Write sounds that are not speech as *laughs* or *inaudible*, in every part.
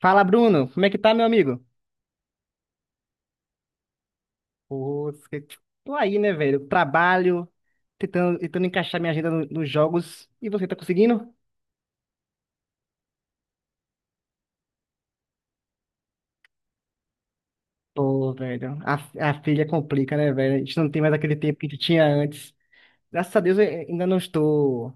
Fala, Bruno. Como é que tá, meu amigo? Pô, cê- tô aí, né, velho? Trabalho, tentando encaixar minha agenda no- nos jogos. E você tá conseguindo? Pô, velho, a filha complica, né, velho? A gente não tem mais aquele tempo que a gente tinha antes. Graças a Deus eu ainda não estou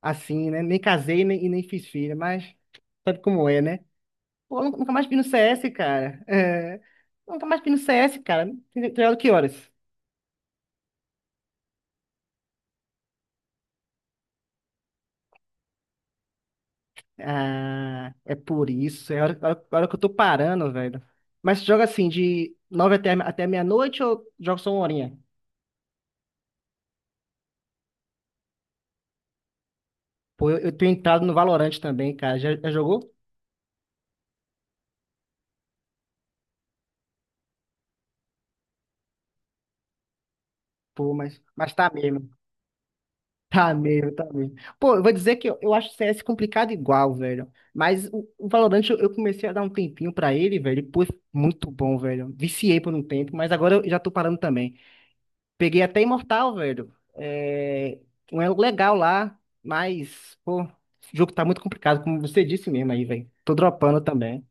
assim, né? Nem casei nem, e nem fiz filha, mas sabe como é, né? Pô, eu nunca mais vi no CS, cara. É, nunca mais vi no CS, cara. Tem jogado que horas? Ah, é por isso. É a hora, a hora- a hora que eu tô parando, velho. Mas joga assim, de nove até, até meia-noite ou joga só uma horinha? Pô, eu tenho entrado no Valorant também, cara. Já, já jogou? Pô, mas tá mesmo. *laughs* Tá mesmo, tá mesmo. Pô, eu vou dizer que eu acho o CS complicado igual, velho. Mas o Valorant eu comecei a dar um tempinho pra ele, velho. E, pô, muito bom, velho. Viciei por um tempo, mas agora eu já tô parando também. Peguei até Imortal, velho. É, um elo legal lá, mas, pô, esse jogo tá muito complicado, como você disse mesmo aí, velho. Tô dropando também.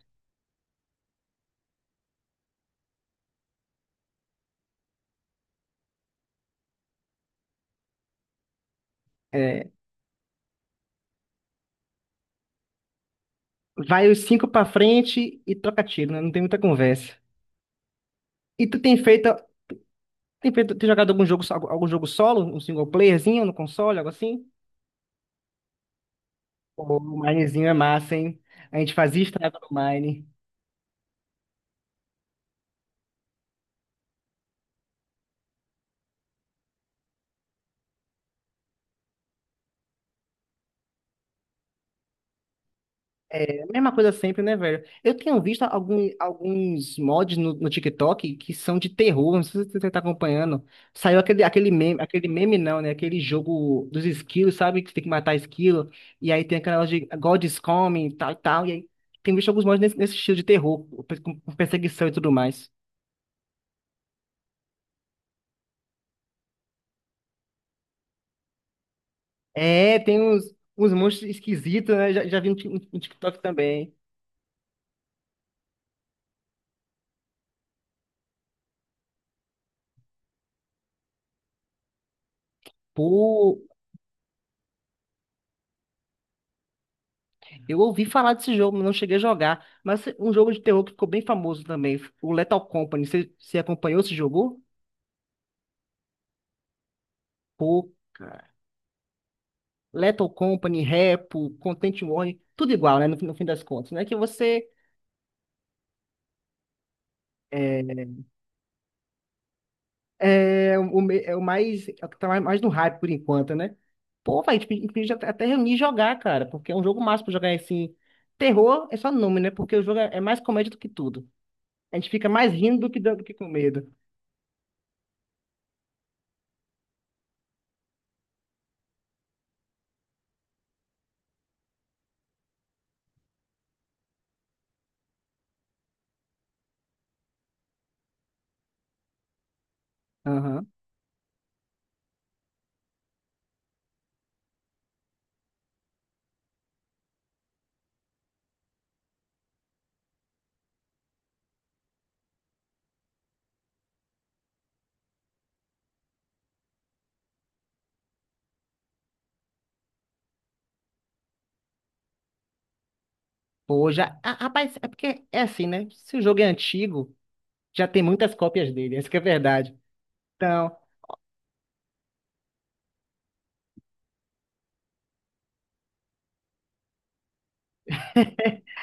É, vai os cinco pra frente e troca tiro, né? Não tem muita conversa. E tu tem feito, tem feito, tem jogado algum jogo, so- algum jogo solo, um single playerzinho no console, algo assim? Pô, o Minezinho é massa, hein? A gente fazia estrada no Mine. A mesma coisa sempre, né, velho? Eu tenho visto algum, alguns mods no, no TikTok que são de terror, não sei se você tá acompanhando. Saiu aquele, aquele meme não, né? Aquele jogo dos esquilos, sabe? Que você tem que matar esquilo. E aí tem aquela de God is Coming, e tal e tal. E aí tem visto alguns mods nesse, nesse estilo de terror, com perseguição e tudo mais. É, tem uns, uns monstros esquisitos, né? Já, já vi no Tik- no TikTok também. Pô, eu ouvi falar desse jogo, mas não cheguei a jogar. Mas um jogo de terror que ficou bem famoso também, o Lethal Company. Você, você acompanhou, se jogou? Pô, cara. Lethal Company, Repo, Content Warning, tudo igual, né? No, fim no fim das contas, né? Que você é, é, o, me- é o mais, é o que tá mais mais no hype por enquanto, né? Pô, vai, tipo, inclusive até até reunir e jogar, cara, porque é um jogo massa pra jogar assim. Terror é só nome, né? Porque o jogo é é mais comédia do que tudo. A gente fica mais rindo do que, dan- do que com medo. Aham. Pô, já. Ah, rapaz, é porque é assim, né? Se o jogo é antigo, já tem muitas cópias dele, essa que é a verdade. Então, *laughs*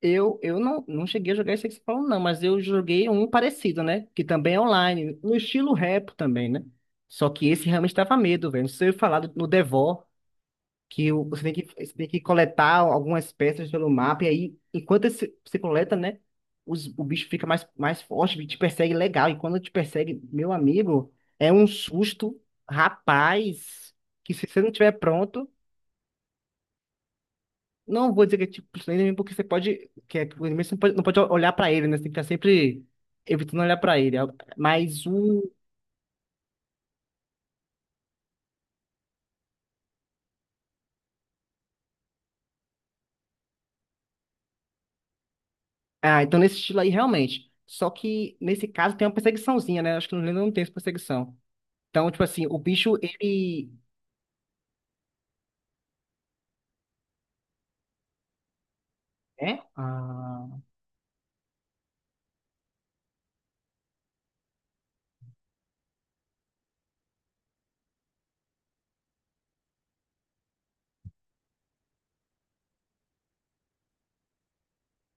eu não, não cheguei a jogar esse que você falou, não, mas eu joguei um parecido, né? Que também é online, no estilo rap também, né? Só que esse realmente dava medo, velho. Não sei falar do- no Devo. Que o- você tem que coletar algumas peças pelo mapa, e aí, enquanto esse- você coleta, né, os- o bicho fica mais, mais forte, e te persegue legal, e quando te persegue, meu amigo, é um susto, rapaz, que se você não tiver pronto, não vou dizer que é tipo isso aí, porque você pode, que é, que o inimigo você não pode, não pode olhar pra ele, né, você tem que estar sempre evitando olhar pra ele, mas o... Ah, então nesse estilo aí, realmente, só que nesse caso tem uma perseguiçãozinha, né, acho que no Lenda não tem essa perseguição, então, tipo assim, o bicho, ele, né? Ah,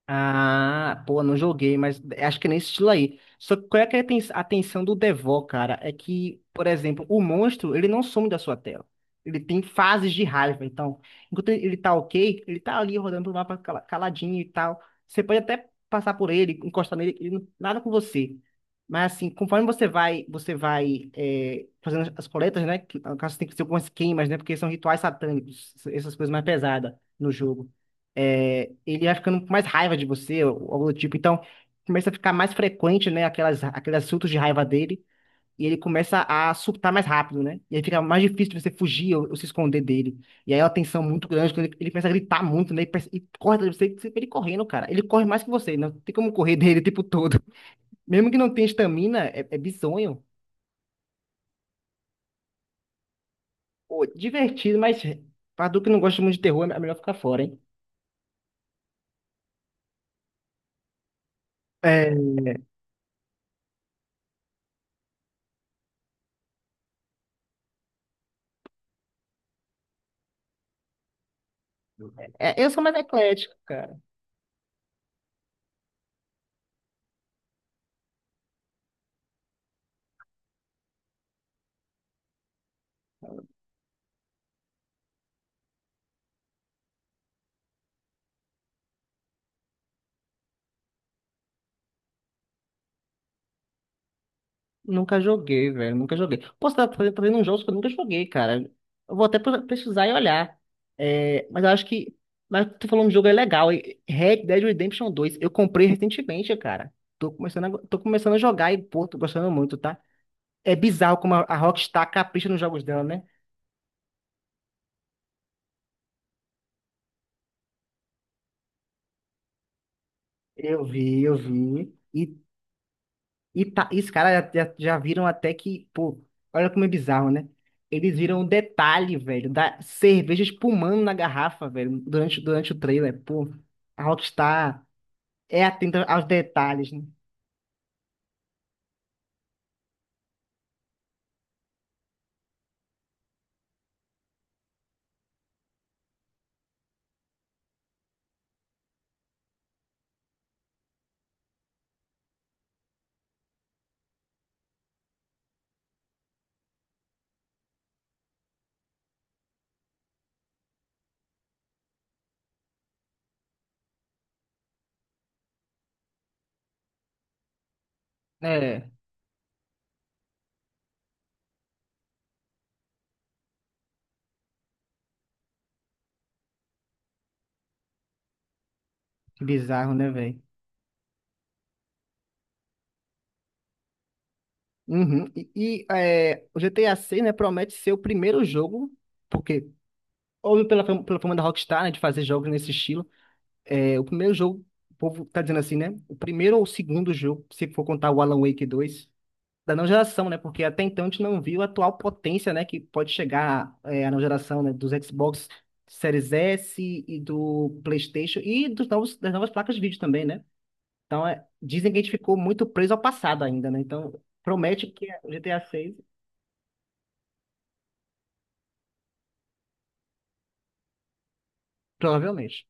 ah, pô, não joguei, mas acho que é nesse estilo aí. Só que qual é que é a ten- a tensão do Devor, cara? É que, por exemplo, o monstro, ele não some da sua tela. Ele tem fases de raiva, então, enquanto ele tá ok, ele tá ali rodando pro mapa cala- caladinho e tal. Você pode até passar por ele, encostar nele, ele não- nada com você. Mas assim, conforme você vai é, fazendo as coletas, né? Que, no caso, tem que ser algumas queimas, né? Porque são rituais satânicos, essas coisas mais pesadas no jogo é, ele vai ficando com mais raiva de você, ou algo do tipo. Então, começa a ficar mais frequente, né, aquelas, aqueles surtos de raiva dele, e ele começa a surtar mais rápido, né? E aí fica mais difícil de você fugir ou se esconder dele. E aí é uma tensão muito grande, quando ele começa a gritar muito, né? E, perce- e corre atrás de você, você vê ele correndo, cara. Ele corre mais que você, não tem como correr *laughs* dele o tempo todo. *laughs* Mesmo que não tenha estamina, é, é bizonho. Pô, divertido, mas pra tu que não gosta muito de terror, é melhor ficar fora, hein? É, é, eu sou mais eclético, cara. Nunca joguei, velho. Nunca joguei. Posso estar fazendo, fazendo uns jogos que eu nunca joguei, cara. Eu vou até pre- pesquisar e olhar. É, mas eu acho que. Mas tu falou um jogo é legal. E- Red Dead Redemption dois eu comprei recentemente, cara. Tô começando a jogar e, pô, tô gostando muito, tá? É bizarro como a Rockstar capricha nos jogos dela, né? Eu vi. E e tá, e os caras já, já, já viram até que, pô, olha como é bizarro, né? Eles viram um detalhe, velho, da cerveja espumando na garrafa, velho, durante, durante o trailer. Pô, a Rockstar é atenta aos detalhes, né? É, que bizarro, né, velho? Uhum. E, é, o GTA VI, né, promete ser o primeiro jogo, porque, óbvio, pela, fam- pela fama da Rockstar, né, de fazer jogos nesse estilo, é, o primeiro jogo, o povo tá dizendo assim, né? O primeiro ou o segundo jogo, se for contar o Alan Wake dois da não geração, né? Porque até então a gente não viu a atual potência, né? Que pode chegar é, a não geração, né? Dos Xbox Series S e do PlayStation e dos novos, das novas placas de vídeo também, né? Então, é, dizem que a gente ficou muito preso ao passado ainda, né? Então, promete que é o GTA 6, provavelmente.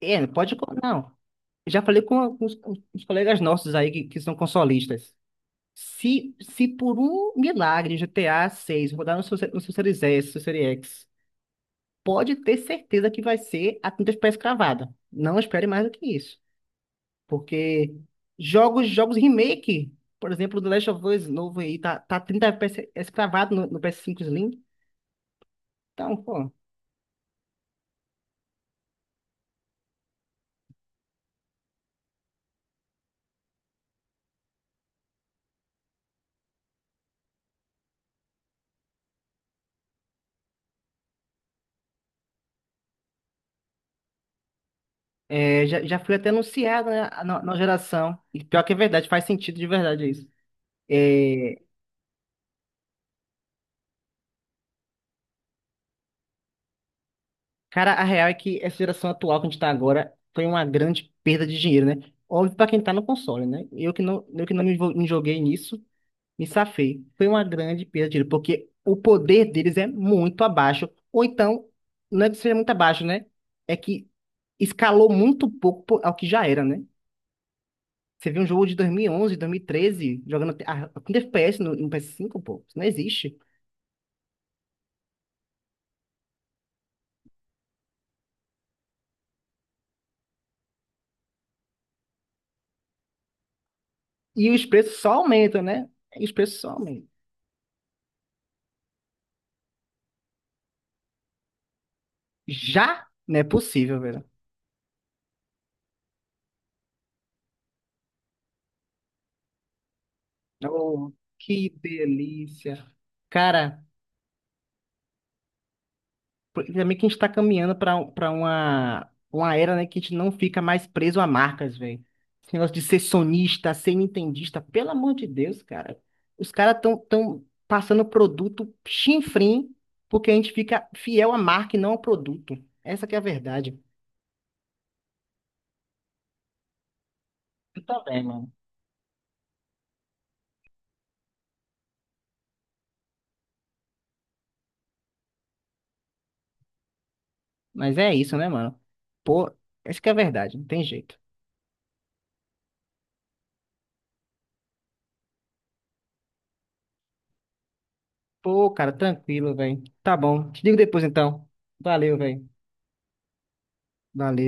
É, pode... co- não, já falei com alguns com os colegas nossos aí que são consolistas. Se por um milagre GTA 6 rodar no seu, no seu Series S, no seu Series X, pode ter certeza que vai ser a tinta pré-escravada. Não espere mais do que isso. Porque jogos, jogos remake, por exemplo, do Last of Us novo aí, tá, tá 30 FPS escravado no, no PS5 Slim. Então, pô, é, já, já foi até anunciado, né, na, na geração. E pior que é verdade, faz sentido de verdade isso. É, cara, a real é que essa geração atual que a gente tá agora foi uma grande perda de dinheiro, né? Óbvio pra quem tá no console, né? Eu que não me envol- me joguei nisso, me safei. Foi uma grande perda de dinheiro, porque o poder deles é muito abaixo. Ou então, não é que seja muito abaixo, né? É que escalou muito pouco po- ao que já era, né? Você viu um jogo de 2011, 2013, jogando até- ah, com FPS no, no PS5, pô, isso não existe. E os preços só aumentam, né? E os preços só aumentam. Já não é possível, velho. Oh, que delícia. Cara, porque também que a gente tá caminhando pra pra uma era, né, que a gente não fica mais preso a marcas, velho. Esse negócio de ser sonista, ser nintendista, pelo amor de Deus, cara. Os caras tão, tão passando produto chinfrim porque a gente fica fiel à marca e não ao produto. Essa que é a verdade. Eu também, mano. Mas é isso, né, mano? Pô, essa que é a verdade, não tem jeito. Pô, cara, tranquilo, velho. Tá bom. Te digo depois, então. Valeu, velho. Valeu.